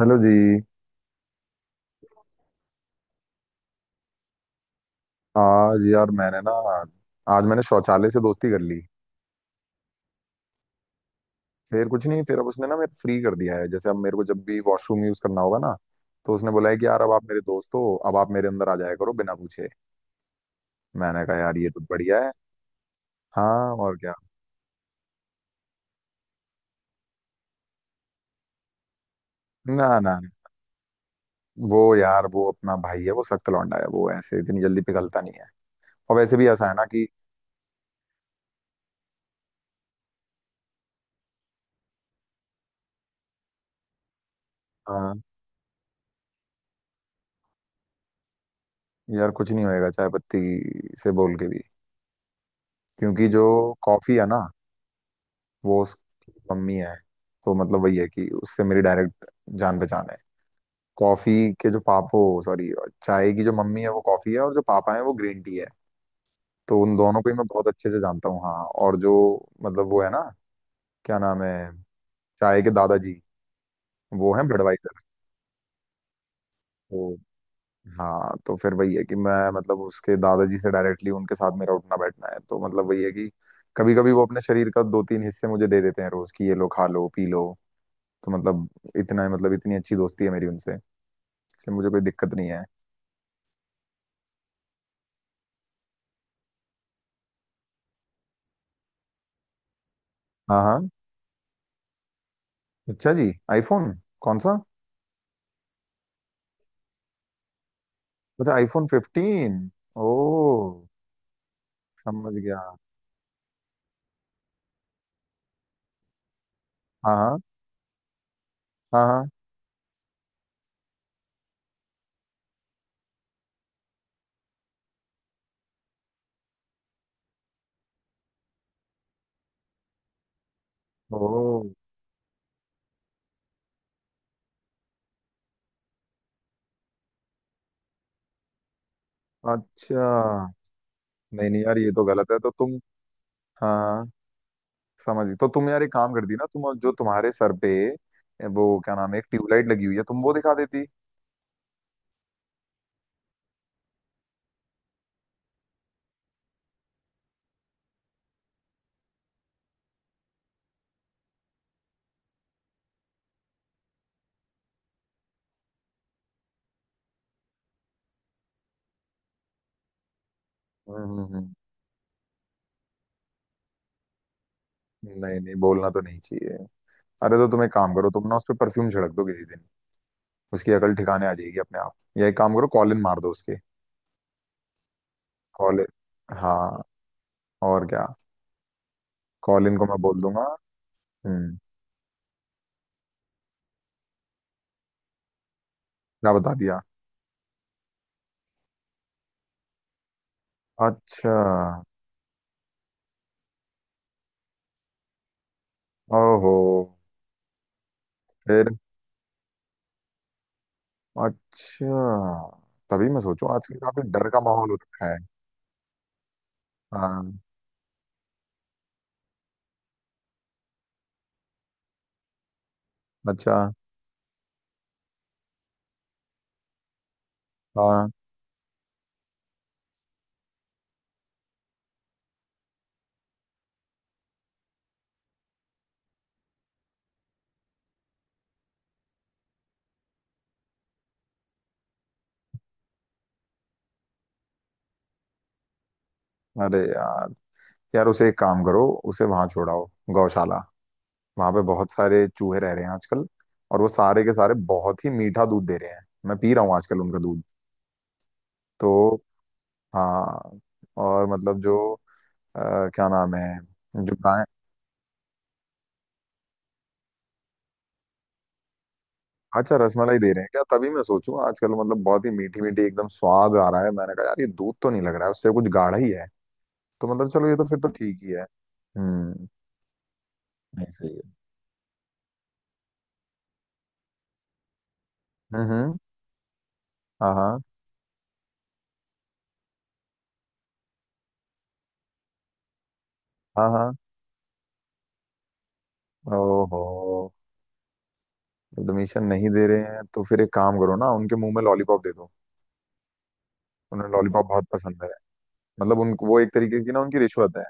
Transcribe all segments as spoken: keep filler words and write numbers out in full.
Hello जी। आज यार मैंने ना, आज मैंने शौचालय से दोस्ती कर ली। फिर कुछ नहीं। फिर अब उसने ना मेरे फ्री कर दिया है, जैसे अब मेरे को जब भी वॉशरूम यूज करना होगा ना, तो उसने बोला है कि यार, अब आप मेरे दोस्त हो, अब आप मेरे अंदर आ जाया करो बिना पूछे। मैंने कहा यार ये तो बढ़िया है। हाँ और क्या। ना ना ना। वो यार, वो अपना भाई है, वो सख्त लौंडा है, वो ऐसे इतनी जल्दी पिघलता नहीं है। और वैसे भी ऐसा है ना कि हाँ। यार कुछ नहीं होएगा चाय पत्ती से बोल के भी। क्योंकि जो कॉफी है ना, वो उसकी मम्मी है। तो मतलब वही है कि उससे मेरी डायरेक्ट जान पहचान है। कॉफी के जो पापो, सॉरी, चाय की जो मम्मी है वो कॉफी है और जो पापा है वो ग्रीन टी है। तो उन दोनों को ही मैं बहुत अच्छे से जानता हूँ। हाँ। और जो मतलब वो है ना, क्या नाम है, चाय के दादाजी वो है बडवाइजर। तो हाँ, तो फिर वही है कि मैं मतलब उसके दादाजी से डायरेक्टली उनके साथ मेरा उठना बैठना है। तो मतलब वही है कि कभी कभी वो अपने शरीर का दो तीन हिस्से मुझे दे देते हैं रोज कि ये लो खा लो पी लो। तो मतलब इतना, मतलब इतनी अच्छी दोस्ती है मेरी उनसे। इसलिए मुझे कोई दिक्कत नहीं है। हाँ हाँ। अच्छा जी, आईफोन कौन सा। अच्छा आईफोन फिफ्टीन। ओ समझ गया। हाँ हाँ। हाँ हाँ। ओ अच्छा। नहीं नहीं, यार ये तो गलत है। तो तुम, हाँ हाँ, समझ। तो तुम यार एक काम करती ना, तुम जो तुम्हारे सर पे वो क्या नाम है, एक ट्यूबलाइट लगी हुई है, तुम वो दिखा देती। हम्म हम्म, हम्म। नहीं नहीं, बोलना तो नहीं चाहिए। अरे तो तुम एक काम करो, तुम ना उस पर परफ्यूम छिड़क दो किसी दिन, उसकी अकल ठिकाने आ जाएगी अपने आप। या एक काम करो, कॉलिन मार दो उसके। कॉलिन, हाँ और क्या। कॉलिन को मैं बोल दूंगा। हम्म। क्या बता दिया। अच्छा। ओहो। फिर। अच्छा, तभी मैं सोचूं आजकल काफी डर का माहौल हो रखा है। हाँ। अच्छा। हाँ। अरे यार, यार उसे एक काम करो, उसे वहां छोड़ाओ गौशाला। वहां पे बहुत सारे चूहे रह रहे हैं आजकल, और वो सारे के सारे बहुत ही मीठा दूध दे रहे हैं, मैं पी रहा हूँ आजकल उनका दूध। तो हाँ। और मतलब जो अ, क्या नाम है, जो गाय। हाँ, अच्छा, रसमलाई दे रहे हैं क्या, तभी मैं सोचूं आजकल मतलब बहुत ही मीठी मीठी एकदम स्वाद आ रहा है। मैंने कहा यार ये दूध तो नहीं लग रहा है, उससे कुछ गाढ़ा ही है। तो मतलब चलो ये तो फिर तो ठीक ही है। हम्म। नहीं सही है। हम्म हम्म। हाँ हाँ। हाँ हाँ। ओहो। एडमिशन नहीं दे रहे हैं तो फिर एक काम करो ना, उनके मुंह में लॉलीपॉप दे दो। उन्हें लॉलीपॉप बहुत पसंद है। मतलब उनको वो एक तरीके की ना, उनकी रिश्वत है।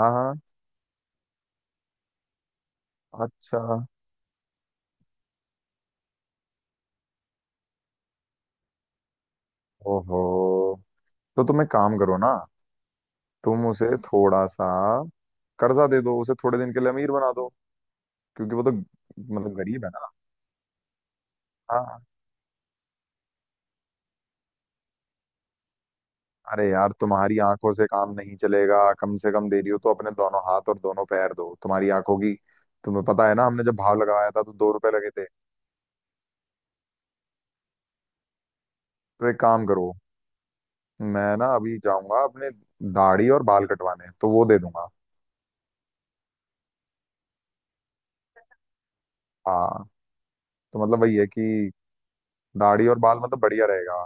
हाँ हाँ। अच्छा। ओहो। तो तुम एक काम करो ना, तुम उसे थोड़ा सा कर्जा दे दो, उसे थोड़े दिन के लिए अमीर बना दो। क्योंकि वो तो मतलब गरीब है ना। हाँ। अरे यार, तुम्हारी आंखों से काम नहीं चलेगा, कम से कम दे रही हो तो अपने दोनों हाथ और दोनों पैर दो। तुम्हारी आंखों की तुम्हें पता है ना, हमने जब भाव लगाया था तो दो रुपए लगे थे। तो एक काम करो, मैं ना अभी जाऊंगा अपने दाढ़ी और बाल कटवाने तो वो दे दूंगा। हाँ। तो मतलब वही है कि दाढ़ी और बाल मतलब बढ़िया रहेगा।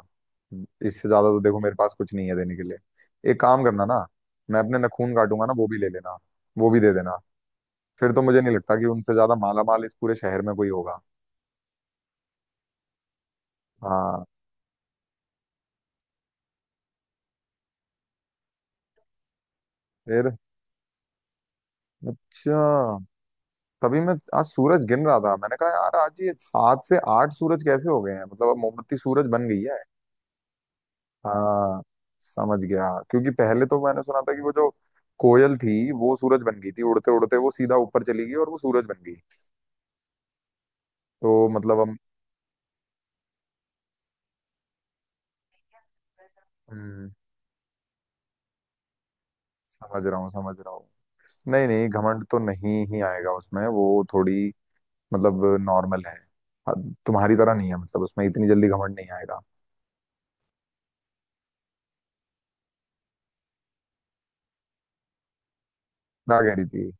इससे ज्यादा तो देखो मेरे पास कुछ नहीं है देने के लिए। एक काम करना ना, मैं अपने नखून काटूंगा ना, वो भी ले लेना, वो भी दे देना। फिर तो मुझे नहीं लगता कि उनसे ज्यादा माला माल इस पूरे शहर में कोई होगा। हाँ। फिर। अच्छा, तभी मैं आज सूरज गिन रहा था, मैंने कहा यार आज ये सात से आठ सूरज कैसे हो गए हैं, मतलब अब मोमबत्ती सूरज बन गई है। हाँ। समझ गया, क्योंकि पहले तो मैंने सुना था कि वो जो कोयल थी वो सूरज बन गई थी, उड़ते उड़ते वो सीधा ऊपर चली गई और वो सूरज बन गई। तो मतलब हम। हम्म। समझ रहा हूँ, समझ रहा हूँ। नहीं नहीं, घमंड तो नहीं ही आएगा उसमें, वो थोड़ी, मतलब, नॉर्मल है। अब तुम्हारी तरह नहीं है, मतलब उसमें इतनी जल्दी घमंड नहीं आएगा। क्या कह रही थी।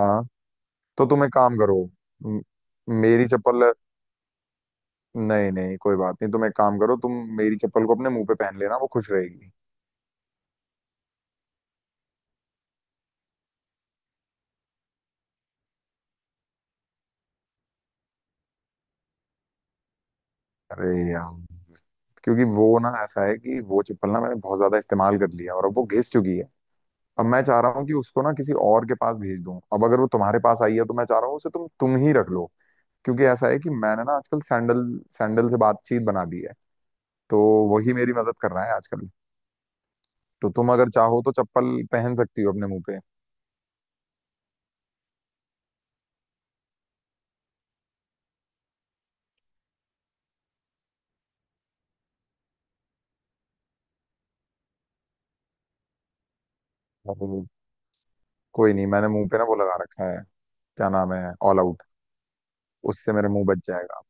हाँ। तो तुम एक काम करो, म- मेरी चप्पल। नहीं नहीं, कोई बात नहीं, तुम एक काम करो, तुम मेरी चप्पल को अपने मुंह पे पहन लेना वो खुश रहेगी। अरे यार, क्योंकि वो ना ऐसा है कि वो चप्पल ना मैंने बहुत ज्यादा इस्तेमाल कर लिया और अब वो घिस चुकी है। अब मैं चाह रहा हूँ कि उसको ना किसी और के पास भेज दूं। अब अगर वो तुम्हारे पास आई है तो मैं चाह रहा हूँ उसे तुम तुम ही रख लो। क्योंकि ऐसा है कि मैंने ना आजकल सैंडल सैंडल से बातचीत बना दी है। तो वही मेरी मदद कर रहा है आजकल। तो तुम अगर चाहो तो चप्पल पहन सकती हो अपने मुंह पे। और कोई नहीं, मैंने मुंह पे ना वो लगा रखा है, क्या नाम है, ऑल आउट। उससे मेरे मुंह बच जाएगा।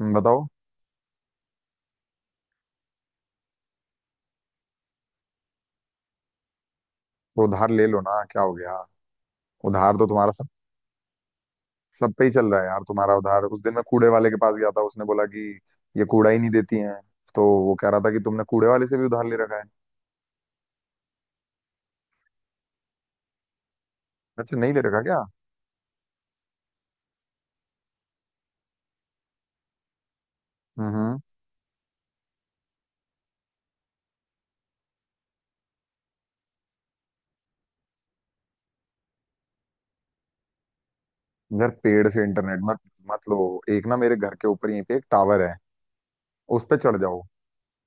हम्म, बताओ। तो उधार ले लो ना, क्या हो गया। उधार तो तुम्हारा सब सब पे ही चल रहा है यार, तुम्हारा उधार, उस दिन मैं कूड़े वाले के पास गया था, उसने बोला कि ये कूड़ा ही नहीं देती हैं। तो वो कह रहा था कि तुमने कूड़े वाले से भी उधार ले रखा है। अच्छा, नहीं ले रखा क्या। हम्म हम्म। यार पेड़ से इंटरनेट मत मत लो। एक ना मेरे घर के ऊपर यहीं पे एक टावर है, उस पे चढ़ जाओ,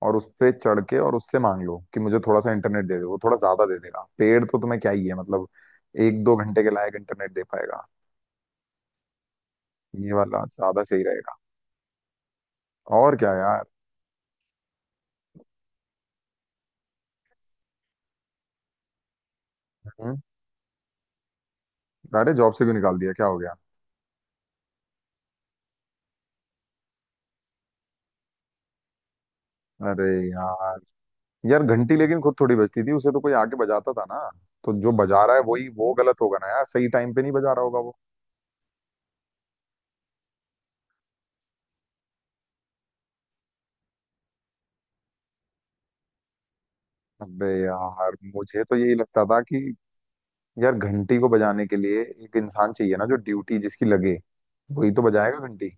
और उस पे चढ़ के और उससे मांग लो कि मुझे थोड़ा सा इंटरनेट दे दो, वो थोड़ा ज्यादा दे देगा। पेड़ तो तुम्हें क्या ही है, मतलब एक दो घंटे के लायक इंटरनेट दे पाएगा। ये वाला ज्यादा सही रहेगा। और क्या यार। हम्म। अरे जॉब से क्यों निकाल दिया, क्या हो गया। अरे यार, यार घंटी लेकिन खुद थोड़ी बजती थी, उसे तो कोई आके बजाता था ना। तो जो बजा रहा है वही वो गलत होगा ना, यार सही टाइम पे नहीं बजा रहा होगा वो। अबे यार, मुझे तो यही लगता था कि यार घंटी को बजाने के लिए एक इंसान चाहिए ना, जो ड्यूटी जिसकी लगे वही तो बजाएगा घंटी।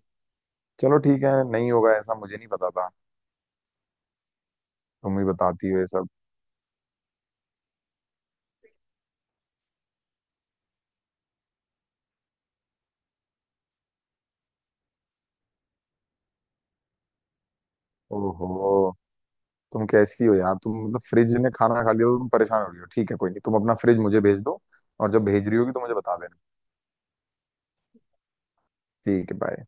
चलो ठीक है, नहीं होगा ऐसा, मुझे नहीं पता था। तुम ही बताती हो ये सब। ओहो। तुम कैसी हो यार, तुम मतलब फ्रिज ने खाना खा लिया तो तुम परेशान हो रही हो। ठीक है, कोई नहीं, तुम अपना फ्रिज मुझे भेज दो, और जब भेज रही होगी तो मुझे बता देना। ठीक है, बाय।